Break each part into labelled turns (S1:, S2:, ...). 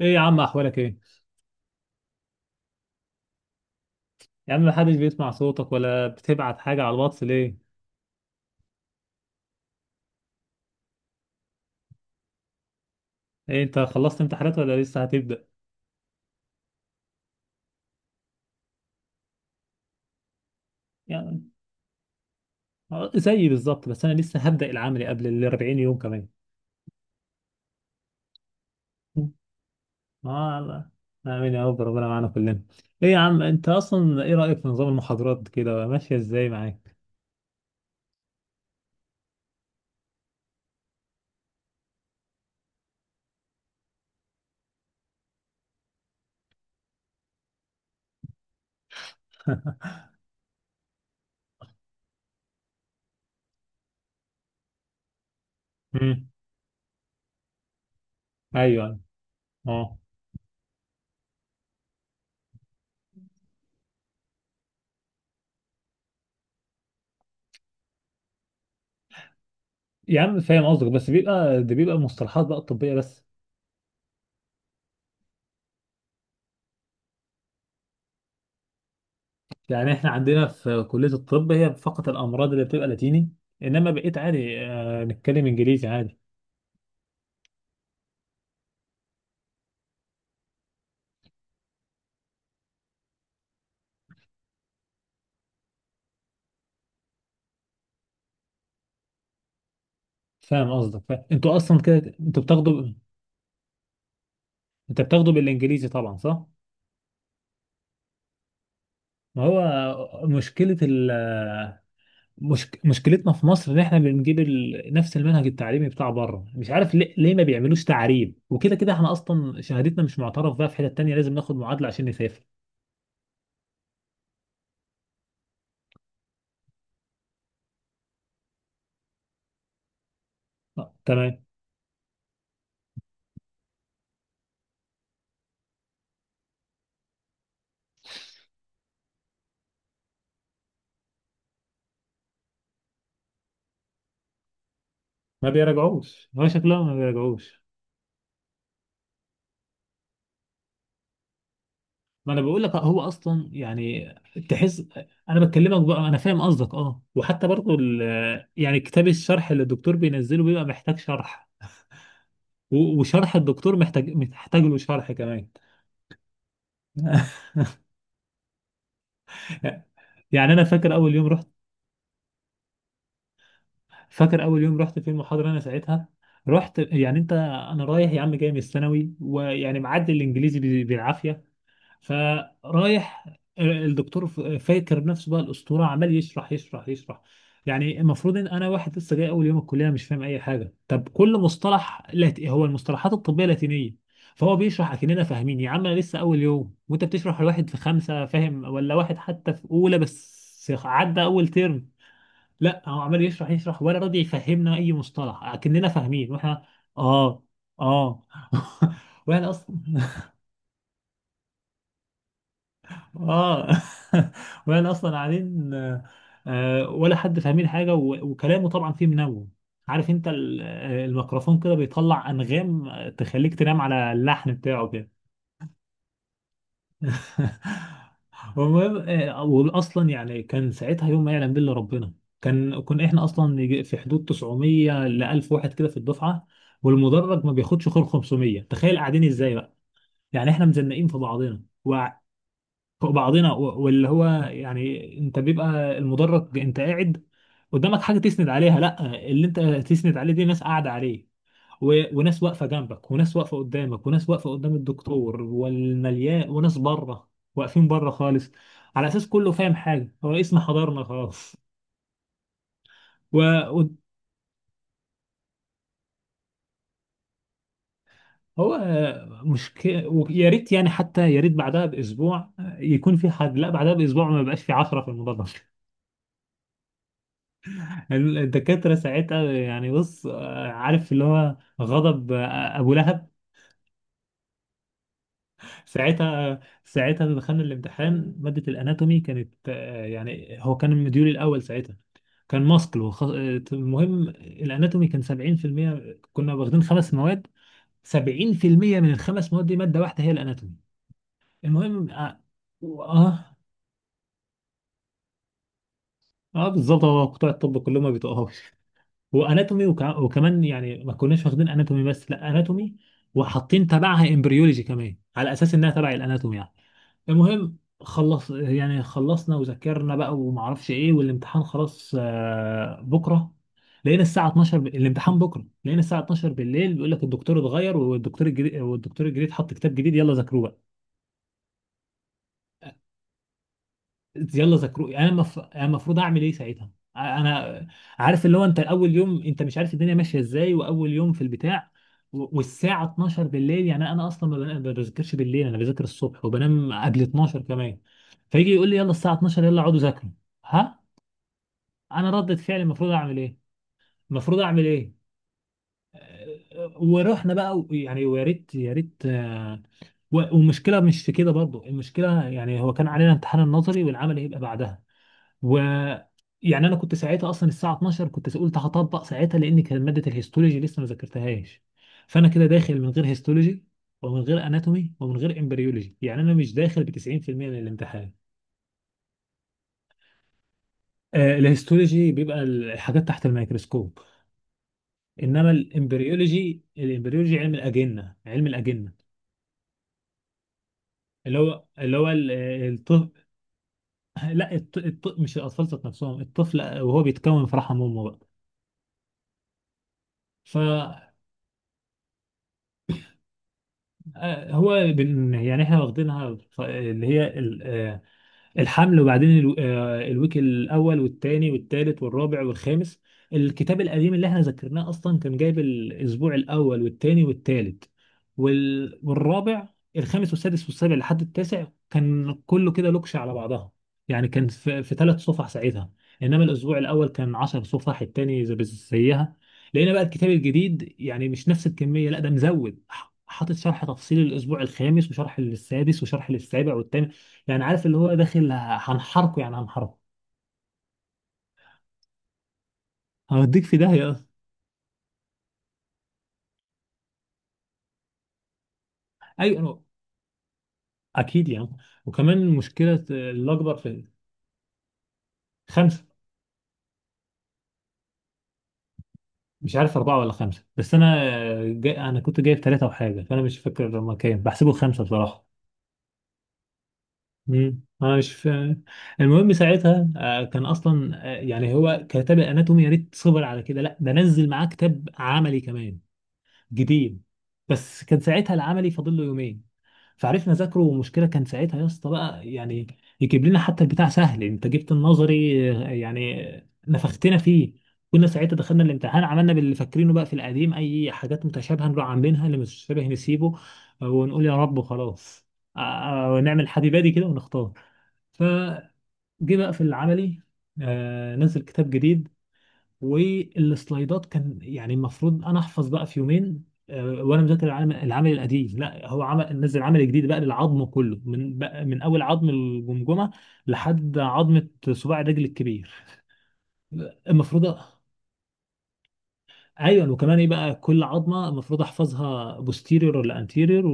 S1: ايه يا عم، احوالك ايه؟ يا عم، محدش بيسمع صوتك ولا بتبعت حاجه على الواتس ليه؟ ايه انت خلصت امتحانات ولا لسه هتبدا؟ يعني زيي بالظبط، بس انا لسه هبدا العملي قبل ال 40 يوم كمان. آه، الله. امين يا رب، ربنا معانا كلنا. ايه يا عم، انت اصلا ايه رايك في نظام المحاضرات كده، ماشيه ازاي معاك؟ امم. ايوه. اه يا عم، فاهم قصدك، بس بيبقى مصطلحات بقى طبيه بس. يعني احنا عندنا في كليه الطب هي فقط الامراض اللي بتبقى لاتيني، انما بقيت عادي نتكلم انجليزي عادي. فاهم قصدك فاهم. انتوا اصلا كده انتوا بتاخدوا. انت بتاخدوا بالانجليزي طبعا، صح؟ ما هو مشكلة ال مشكلتنا في مصر ان احنا بنجيب نفس المنهج التعليمي بتاع بره، مش عارف ليه ما بيعملوش تعريب؟ وكده كده احنا اصلا شهادتنا مش معترف بها في حتة تانية، لازم ناخد معادلة عشان نسافر. آه، تمام. ما بيراجعوش، هو شكلهم ما بيراجعوش. ما انا بقول لك هو اصلا يعني تحس. انا بكلمك بقى، انا فاهم قصدك اه، وحتى برضو يعني كتاب الشرح اللي الدكتور بينزله بيبقى محتاج شرح، وشرح الدكتور محتاج له شرح كمان. يعني انا فاكر اول يوم رحت، فاكر اول يوم رحت في المحاضره انا ساعتها. رحت يعني انت. انا رايح يا عم، جاي من الثانوي، ويعني معدي الانجليزي بالعافيه. فرايح الدكتور، فاكر نفسه بقى الاسطوره، عمال يشرح يشرح يشرح. يعني المفروض ان انا واحد لسه جاي اول يوم الكليه، مش فاهم اي حاجه، طب كل مصطلح هو المصطلحات الطبيه لاتينيه، فهو بيشرح اكننا فاهمين. يا عم انا لسه اول يوم، وانت بتشرح لواحد في خمسه فاهم ولا واحد حتى في اولى بس عدى اول ترم. لا هو عمال يشرح يشرح ولا راضي يفهمنا اي مصطلح، اكننا فاهمين. واحنا اه، اه. واحنا اصلا اه. وانا اصلا قاعدين. ولا حد فاهمين حاجه، وكلامه طبعا فيه منوم. عارف انت الميكروفون كده بيطلع انغام، تخليك تنام على اللحن بتاعه كده. المهم واصلا يعني كان ساعتها يوم ما يعلم بالله ربنا. كان كنا احنا اصلا يجي في حدود 900 ل 1000 واحد كده في الدفعه، والمدرج ما بياخدش غير 500، تخيل قاعدين ازاي بقى. يعني احنا مزنقين في بعضنا، فوق بعضنا، واللي هو يعني انت بيبقى المدرج، انت قاعد قدامك حاجه تسند عليها؟ لا، اللي انت تسند عليه دي ناس قاعده عليه، وناس واقفه جنبك، وناس واقفه قدامك، وناس واقفه قدام الدكتور والمليان، وناس بره واقفين بره خالص، على اساس كله فاهم حاجه، هو اسم حضرنا خلاص. و... و... هو مشكله، ويا ريت يعني حتى يا ريت بعدها باسبوع يكون في حد. لا بعدها باسبوع ما بقاش في 10 في المدرج. الدكاترة ساعتها يعني بص، عارف اللي هو غضب أبو لهب. ساعتها دخلنا الامتحان، مادة الأناتومي كانت، يعني هو كان المديول الأول ساعتها. كان ماسكل وخ... آه، المهم الأناتومي كان 70%، كنا واخدين خمس مواد، 70% من الخمس مواد دي مادة واحدة هي الأناتومي. المهم آه, بالظبط، هو بتوع الطب كلهم ما بيتقهوش. واناتومي وكمان، يعني ما كناش واخدين اناتومي بس، لا، اناتومي وحاطين تبعها امبريولوجي كمان، على اساس انها تبع الاناتومي يعني. المهم خلص، يعني خلصنا وذاكرنا بقى وما اعرفش ايه، والامتحان خلاص، بكره. لقينا الساعه 12 الامتحان بكره، لقينا الساعه 12 بالليل بيقول لك الدكتور اتغير، والدكتور الجديد حط كتاب جديد، يلا ذاكروه. يلا ذاكروا، انا المفروض اعمل ايه ساعتها؟ انا، عارف اللي هو انت اول يوم، انت مش عارف الدنيا ماشيه ازاي، واول يوم في البتاع، والساعه 12 بالليل، يعني انا اصلا ما بذاكرش بالليل، انا بذاكر الصبح وبنام قبل 12 كمان، فيجي يقول لي يلا الساعه 12 يلا اقعدوا ذاكروا. ها، انا ردة فعلي المفروض اعمل ايه؟ المفروض اعمل ايه؟ ورحنا بقى، يعني ويا ريت يا ريت، والمشكله مش في كده برضو. المشكله يعني هو كان علينا امتحان النظري، والعمل هيبقى بعدها، و يعني انا كنت ساعتها اصلا الساعه 12 كنت قلت هطبق ساعتها، لان كان ماده الهيستولوجي لسه ما ذاكرتهاش، فانا كده داخل من غير هيستولوجي، ومن غير اناتومي، ومن غير امبريولوجي، يعني انا مش داخل ب 90% من الامتحان. الهيستولوجي بيبقى الحاجات تحت الميكروسكوب، انما الامبريولوجي، الامبريولوجي علم الاجنه، علم الاجنه اللي هو، اللي هو الطفل. لا مش الاطفال ذات نفسهم، الطفل وهو بيتكون في رحم امه بقى. ف آه، هو يعني احنا واخدينها اللي هي الحمل، وبعدين الويك الاول والثاني والثالث والرابع والخامس. الكتاب القديم اللي احنا ذكرناه اصلا كان جايب الاسبوع الاول والثاني والثالث والرابع، الخامس والسادس والسابع لحد التاسع كان كله كده لوكش على بعضها. يعني كان في ثلاث صفح ساعتها، انما الاسبوع الاول كان 10 صفح، الثاني زي زيها. لقينا بقى الكتاب الجديد يعني مش نفس الكميه، لا ده مزود، حاطط شرح تفصيلي للاسبوع الخامس، وشرح للسادس، وشرح للسابع والثامن. يعني عارف اللي هو داخل هنحرقه، يعني هنحرقه، هوديك في داهية أصلا. أيوة أكيد يعني. وكمان المشكلة الأكبر في خمسة. مش عارف أربعة ولا خمسة، بس أنا جاي. أنا كنت جايب ثلاثة وحاجة، فأنا مش فاكر لما كان بحسبه خمسة بصراحة. مم. أنا مش فا... المهم ساعتها كان أصلا يعني هو كتاب الأناتومي يا ريت صبر على كده، لا ده نزل معاه كتاب عملي كمان جديد. بس كان ساعتها العملي فاضل له يومين، فعرفنا نذاكره. ومشكلة كان ساعتها يا اسطى بقى، يعني يجيب لنا حتى البتاع سهل. انت جبت النظري، يعني نفختنا فيه. كنا ساعتها دخلنا الامتحان، عملنا باللي فاكرينه بقى في القديم، اي حاجات متشابهة نروح عاملينها، اللي مش متشابه نسيبه، ونقول يا رب خلاص، ونعمل حبيبادي كده ونختار. فجه بقى في العملي، نزل كتاب جديد، والسلايدات كان يعني المفروض انا احفظ بقى في يومين، وانا مذاكر العمل القديم. لا، هو عمل نزل عمل جديد بقى للعظم كله، من بقى من اول عظم الجمجمه لحد عظمه صباع الرجل الكبير. المفروض، ايوه، وكمان ايه بقى، كل عظمه المفروض احفظها بوستيريور ولا انتيريور،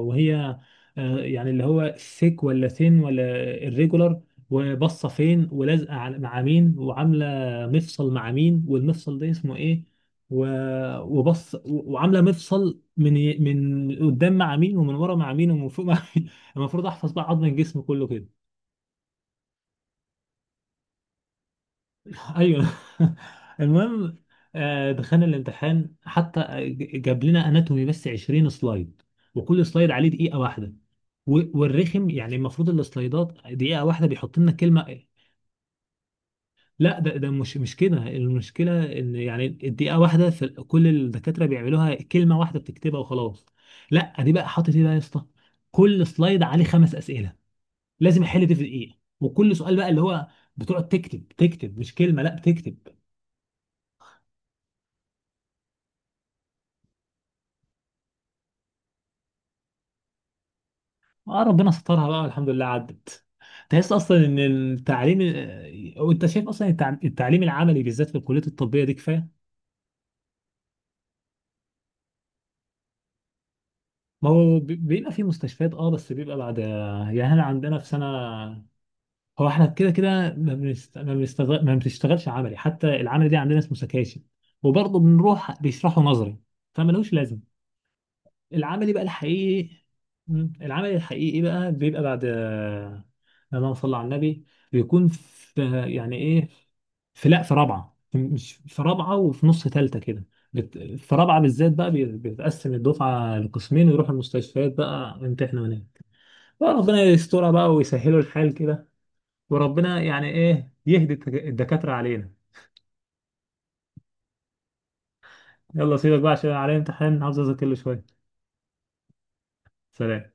S1: وهي يعني اللي هو ثيك ولا ثين ولا الريجولار، وبصه فين، ولازقه مع مين، وعامله مفصل مع مين، والمفصل ده اسمه ايه، وبص، وعامله مفصل من قدام مع مين، ومن ورا مع مين، ومن فوق مع مين. المفروض احفظ بقى عظم الجسم كله كده. ايوه. المهم دخلنا الامتحان حتى. جاب لنا اناتومي بس 20 سلايد، وكل سلايد عليه دقيقه واحده، والرخم يعني المفروض السلايدات دقيقه واحده بيحط لنا كلمه. لا، ده ده مش مش كده. المشكله ان يعني الدقيقه واحده في كل الدكاتره بيعملوها كلمه واحده بتكتبها وخلاص، لا دي بقى حاطط ايه بقى يا اسطى، كل سلايد عليه خمس اسئله، لازم احل دي في دقيقه. وكل سؤال بقى اللي هو، بتقعد تكتب تكتب، مش كلمه، لا بتكتب. اه ربنا سترها بقى الحمد لله عدت. تحس اصلا ان التعليم، وانت شايف اصلا التعليم العملي بالذات في الكليه الطبيه دي كفايه. ما هو بيبقى في مستشفيات اه، بس بيبقى بعد، يعني احنا عندنا في سنه، هو احنا كده كده ما بنست... ما بنستغل... ما بنشتغلش عملي، حتى العمل دي عندنا اسمه سكاشن، وبرضه بنروح بيشرحوا نظري، فملوش لازمه. العملي بقى الحقيقي، العملي الحقيقي بقى بيبقى بعد، اللهم صل على النبي، بيكون في، يعني ايه، في، لا في رابعه، مش في رابعه وفي نص ثالثه كده، في رابعه بالذات بقى بيتقسم الدفعه لقسمين، ويروحوا المستشفيات بقى يمتحنوا هناك. بقى ربنا يسترها بقى ويسهلوا الحال كده، وربنا يعني ايه يهدي الدكاتره علينا. يلا سيبك بقى عشان عليا امتحان، عاوز اذاكر له شويه. سلام.